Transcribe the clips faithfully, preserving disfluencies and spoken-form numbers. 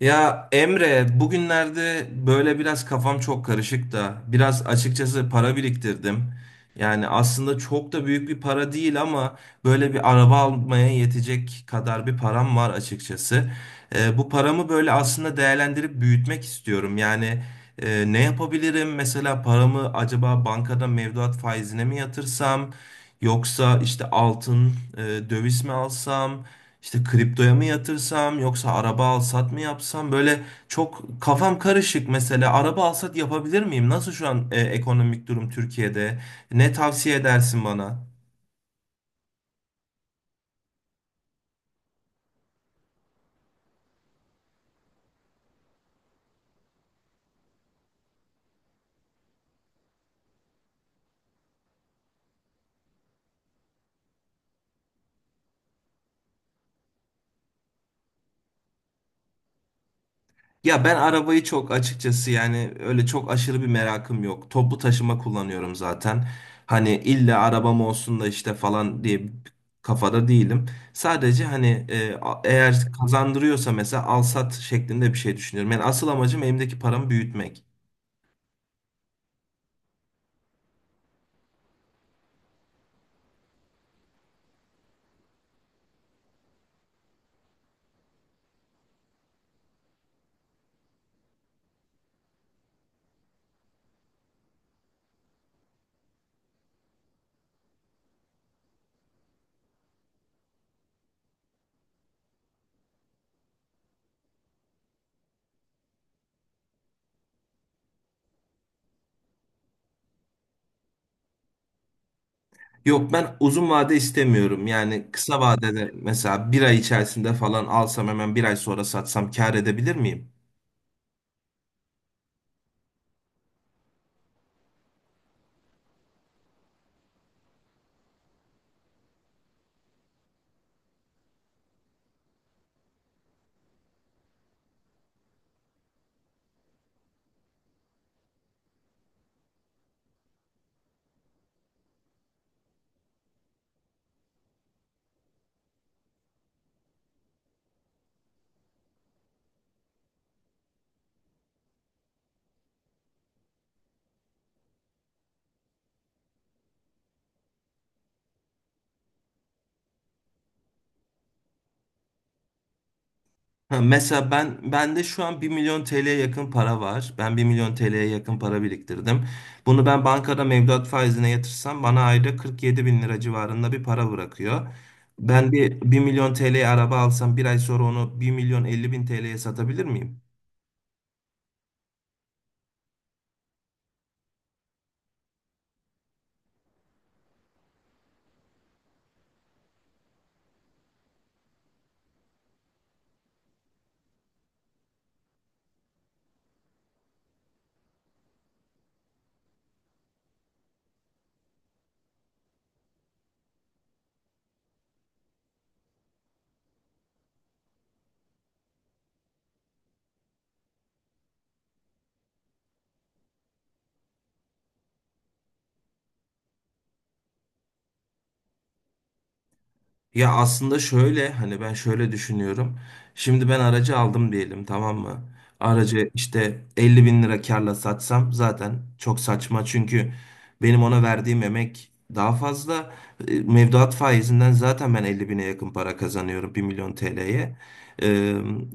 Ya Emre, bugünlerde böyle biraz kafam çok karışık da biraz açıkçası para biriktirdim. Yani aslında çok da büyük bir para değil ama böyle bir araba almaya yetecek kadar bir param var açıkçası. Ee, bu paramı böyle aslında değerlendirip büyütmek istiyorum. Yani e, ne yapabilirim? Mesela paramı acaba bankada mevduat faizine mi yatırsam? Yoksa işte altın, e, döviz mi alsam? İşte kriptoya mı yatırsam yoksa araba alsat mı yapsam, böyle çok kafam karışık. Mesela araba alsat yapabilir miyim? Nasıl şu an e, ekonomik durum Türkiye'de? Ne tavsiye edersin bana? Ya ben arabayı çok açıkçası yani öyle çok aşırı bir merakım yok. Toplu taşıma kullanıyorum zaten. Hani illa arabam olsun da işte falan diye bir kafada değilim. Sadece hani e, a- eğer kazandırıyorsa mesela alsat şeklinde bir şey düşünüyorum. Yani asıl amacım elimdeki paramı büyütmek. Yok, ben uzun vade istemiyorum. Yani kısa vadede mesela bir ay içerisinde falan alsam hemen bir ay sonra satsam kâr edebilir miyim? Ha, mesela ben bende şu an bir milyon T L'ye yakın para var. Ben bir milyon T L'ye yakın para biriktirdim. Bunu ben bankada mevduat faizine yatırsam bana ayda kırk yedi bin lira civarında bir para bırakıyor. Ben bir bir milyon T L'ye araba alsam bir ay sonra onu bir milyon elli bin T L'ye satabilir miyim? Ya aslında şöyle, hani ben şöyle düşünüyorum. Şimdi ben aracı aldım diyelim, tamam mı? Aracı işte elli bin lira karla satsam zaten çok saçma. Çünkü benim ona verdiğim emek daha fazla. E, Mevduat faizinden zaten ben elli bine yakın para kazanıyorum bir milyon T L'ye. E,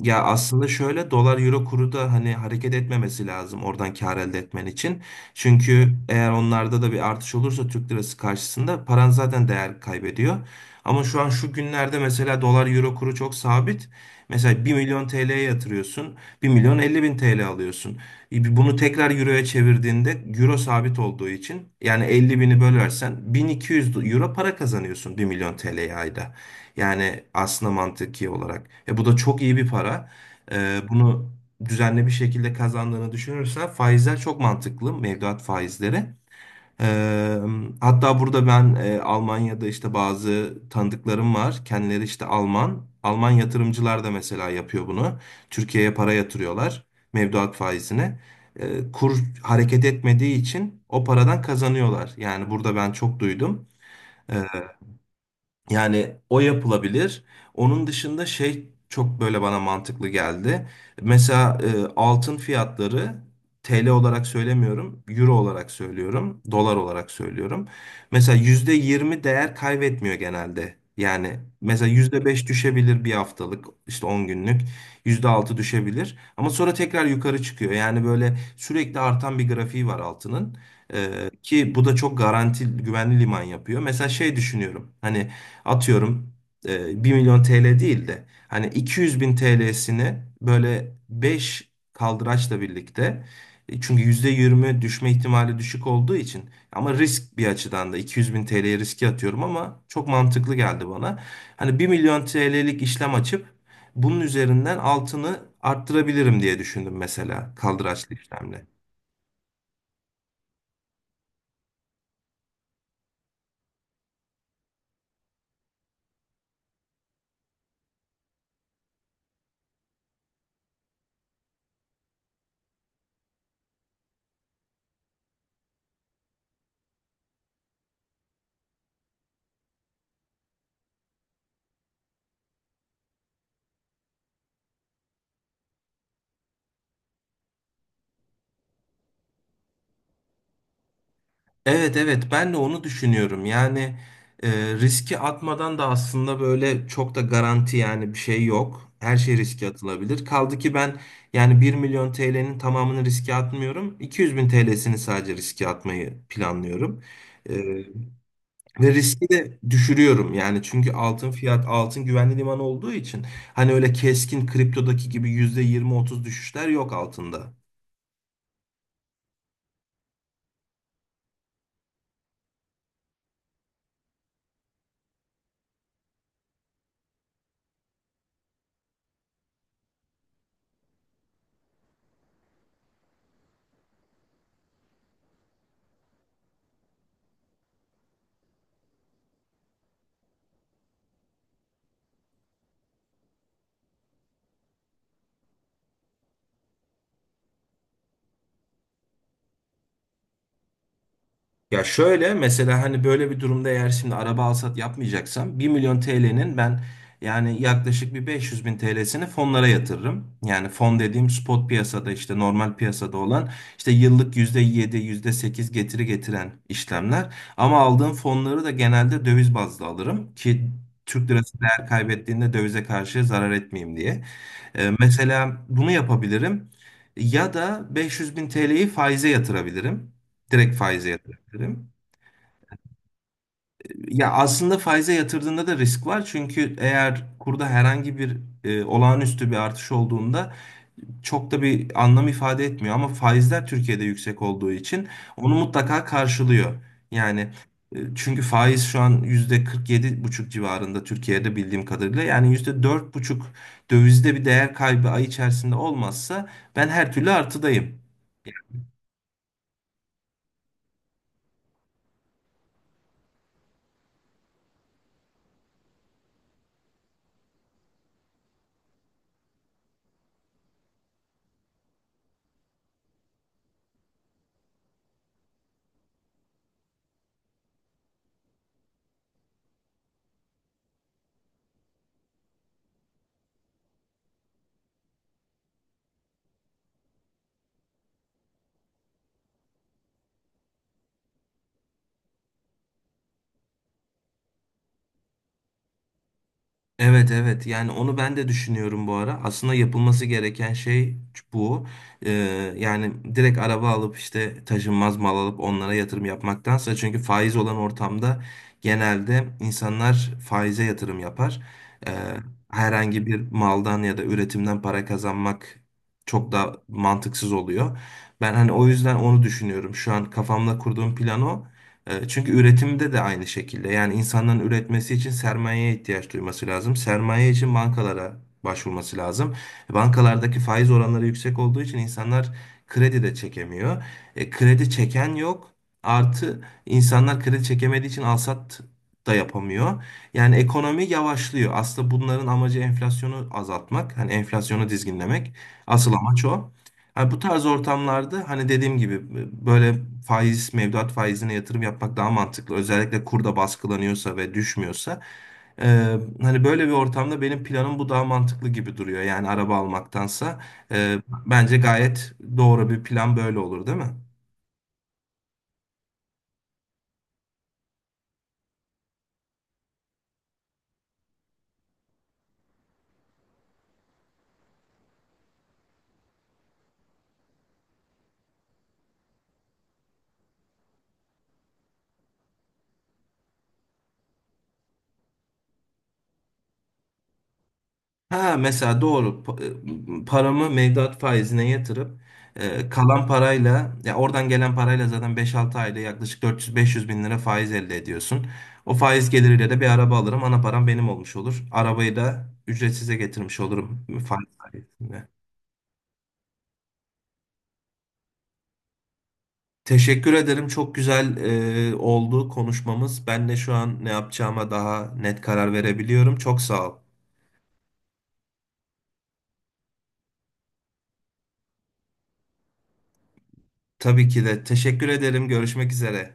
Ya aslında şöyle, dolar euro kuru da hani hareket etmemesi lazım oradan kar elde etmen için. Çünkü eğer onlarda da bir artış olursa Türk lirası karşısında paran zaten değer kaybediyor. Ama şu an şu günlerde mesela dolar euro kuru çok sabit. Mesela bir milyon T L'ye yatırıyorsun, bir milyon elli bin T L alıyorsun. E, Bunu tekrar euroya çevirdiğinde, euro sabit olduğu için, yani elli bini bölersen bin iki yüz euro para kazanıyorsun bir milyon T L'ye ayda. Yani aslında mantıki olarak. E, bu da çok iyi bir para. E, bunu düzenli bir şekilde kazandığını düşünürsen faizler çok mantıklı. Mevduat faizleri. Eee, Hatta burada ben e, Almanya'da işte bazı tanıdıklarım var. Kendileri işte Alman. Alman yatırımcılar da mesela yapıyor bunu. Türkiye'ye para yatırıyorlar mevduat faizine. Eee, kur hareket etmediği için o paradan kazanıyorlar. Yani burada ben çok duydum. Yani o yapılabilir. Onun dışında şey çok böyle bana mantıklı geldi. Mesela e, altın fiyatları, T L olarak söylemiyorum, euro olarak söylüyorum, dolar olarak söylüyorum. Mesela yüzde yirmi değer kaybetmiyor genelde. Yani mesela yüzde beş düşebilir bir haftalık, işte on günlük, yüzde altı düşebilir. Ama sonra tekrar yukarı çıkıyor. Yani böyle sürekli artan bir grafiği var altının. E, ki bu da çok garanti, güvenli liman yapıyor. Mesela şey düşünüyorum. Hani atıyorum, e, bir milyon T L değil de hani iki yüz bin T L'sini böyle beş kaldıraçla birlikte, e, çünkü yüzde yirmi düşme ihtimali düşük olduğu için, ama risk bir açıdan da, iki yüz bin T L'ye riski atıyorum ama çok mantıklı geldi bana. Hani bir milyon T L'lik işlem açıp bunun üzerinden altını arttırabilirim diye düşündüm mesela, kaldıraçlı işlemle. Evet, evet, ben de onu düşünüyorum. Yani e, riski atmadan da aslında böyle çok da garanti yani bir şey yok. Her şey riske atılabilir. Kaldı ki ben yani bir milyon T L'nin tamamını riske atmıyorum. iki yüz bin T L'sini sadece riske atmayı planlıyorum. E, Ve riski de düşürüyorum yani, çünkü altın fiyat altın güvenli liman olduğu için hani öyle keskin kriptodaki gibi yüzde yirmi otuz düşüşler yok altında. Ya şöyle, mesela hani böyle bir durumda, eğer şimdi araba alsat yapmayacaksam, bir milyon T L'nin ben yani yaklaşık bir beş yüz bin T L'sini fonlara yatırırım. Yani fon dediğim, spot piyasada işte normal piyasada olan işte yıllık yüzde yedi yüzde sekiz getiri getiren işlemler. Ama aldığım fonları da genelde döviz bazlı alırım ki Türk lirası değer kaybettiğinde dövize karşı zarar etmeyeyim diye. Ee, mesela bunu yapabilirim ya da beş yüz bin T L'yi faize yatırabilirim. Direkt faize yatırabilirim. Ya aslında faize yatırdığında da risk var. Çünkü eğer kurda herhangi bir e, olağanüstü bir artış olduğunda çok da bir anlam ifade etmiyor. Ama faizler Türkiye'de yüksek olduğu için onu mutlaka karşılıyor. Yani e, çünkü faiz şu an yüzde kırk yedi buçuk civarında Türkiye'de, bildiğim kadarıyla. Yani yüzde dört buçuk dövizde bir değer kaybı ay içerisinde olmazsa ben her türlü artıdayım. Evet, evet, yani onu ben de düşünüyorum bu ara. Aslında yapılması gereken şey bu. Ee, Yani direkt araba alıp işte taşınmaz mal alıp onlara yatırım yapmaktansa, çünkü faiz olan ortamda genelde insanlar faize yatırım yapar. Ee, Herhangi bir maldan ya da üretimden para kazanmak çok da mantıksız oluyor. Ben hani o yüzden onu düşünüyorum. Şu an kafamda kurduğum plan o. E, Çünkü üretimde de aynı şekilde. Yani insanların üretmesi için sermayeye ihtiyaç duyması lazım. Sermaye için bankalara başvurması lazım. Bankalardaki faiz oranları yüksek olduğu için insanlar kredi de çekemiyor. E, kredi çeken yok. Artı, insanlar kredi çekemediği için alsat da yapamıyor. Yani ekonomi yavaşlıyor. Aslında bunların amacı enflasyonu azaltmak. Hani enflasyonu dizginlemek. Asıl amaç o. Hani bu tarz ortamlarda, hani dediğim gibi, böyle faiz, mevduat faizine yatırım yapmak daha mantıklı. Özellikle kurda baskılanıyorsa ve düşmüyorsa. Ee, hani böyle bir ortamda benim planım bu, daha mantıklı gibi duruyor. Yani araba almaktansa. Ee, Bence gayet doğru bir plan böyle olur, değil mi? Ha, mesela doğru. Pa- e, paramı mevduat faizine yatırıp e, kalan parayla, ya oradan gelen parayla, zaten beş altı ayda yaklaşık dört yüz beş yüz bin lira faiz elde ediyorsun. O faiz geliriyle de bir araba alırım. Ana param benim olmuş olur. Arabayı da ücretsize getirmiş olurum faiz sayesinde. Teşekkür ederim. Çok güzel e, oldu konuşmamız. Ben de şu an ne yapacağıma daha net karar verebiliyorum. Çok sağ ol. Tabii ki de teşekkür ederim. Görüşmek üzere.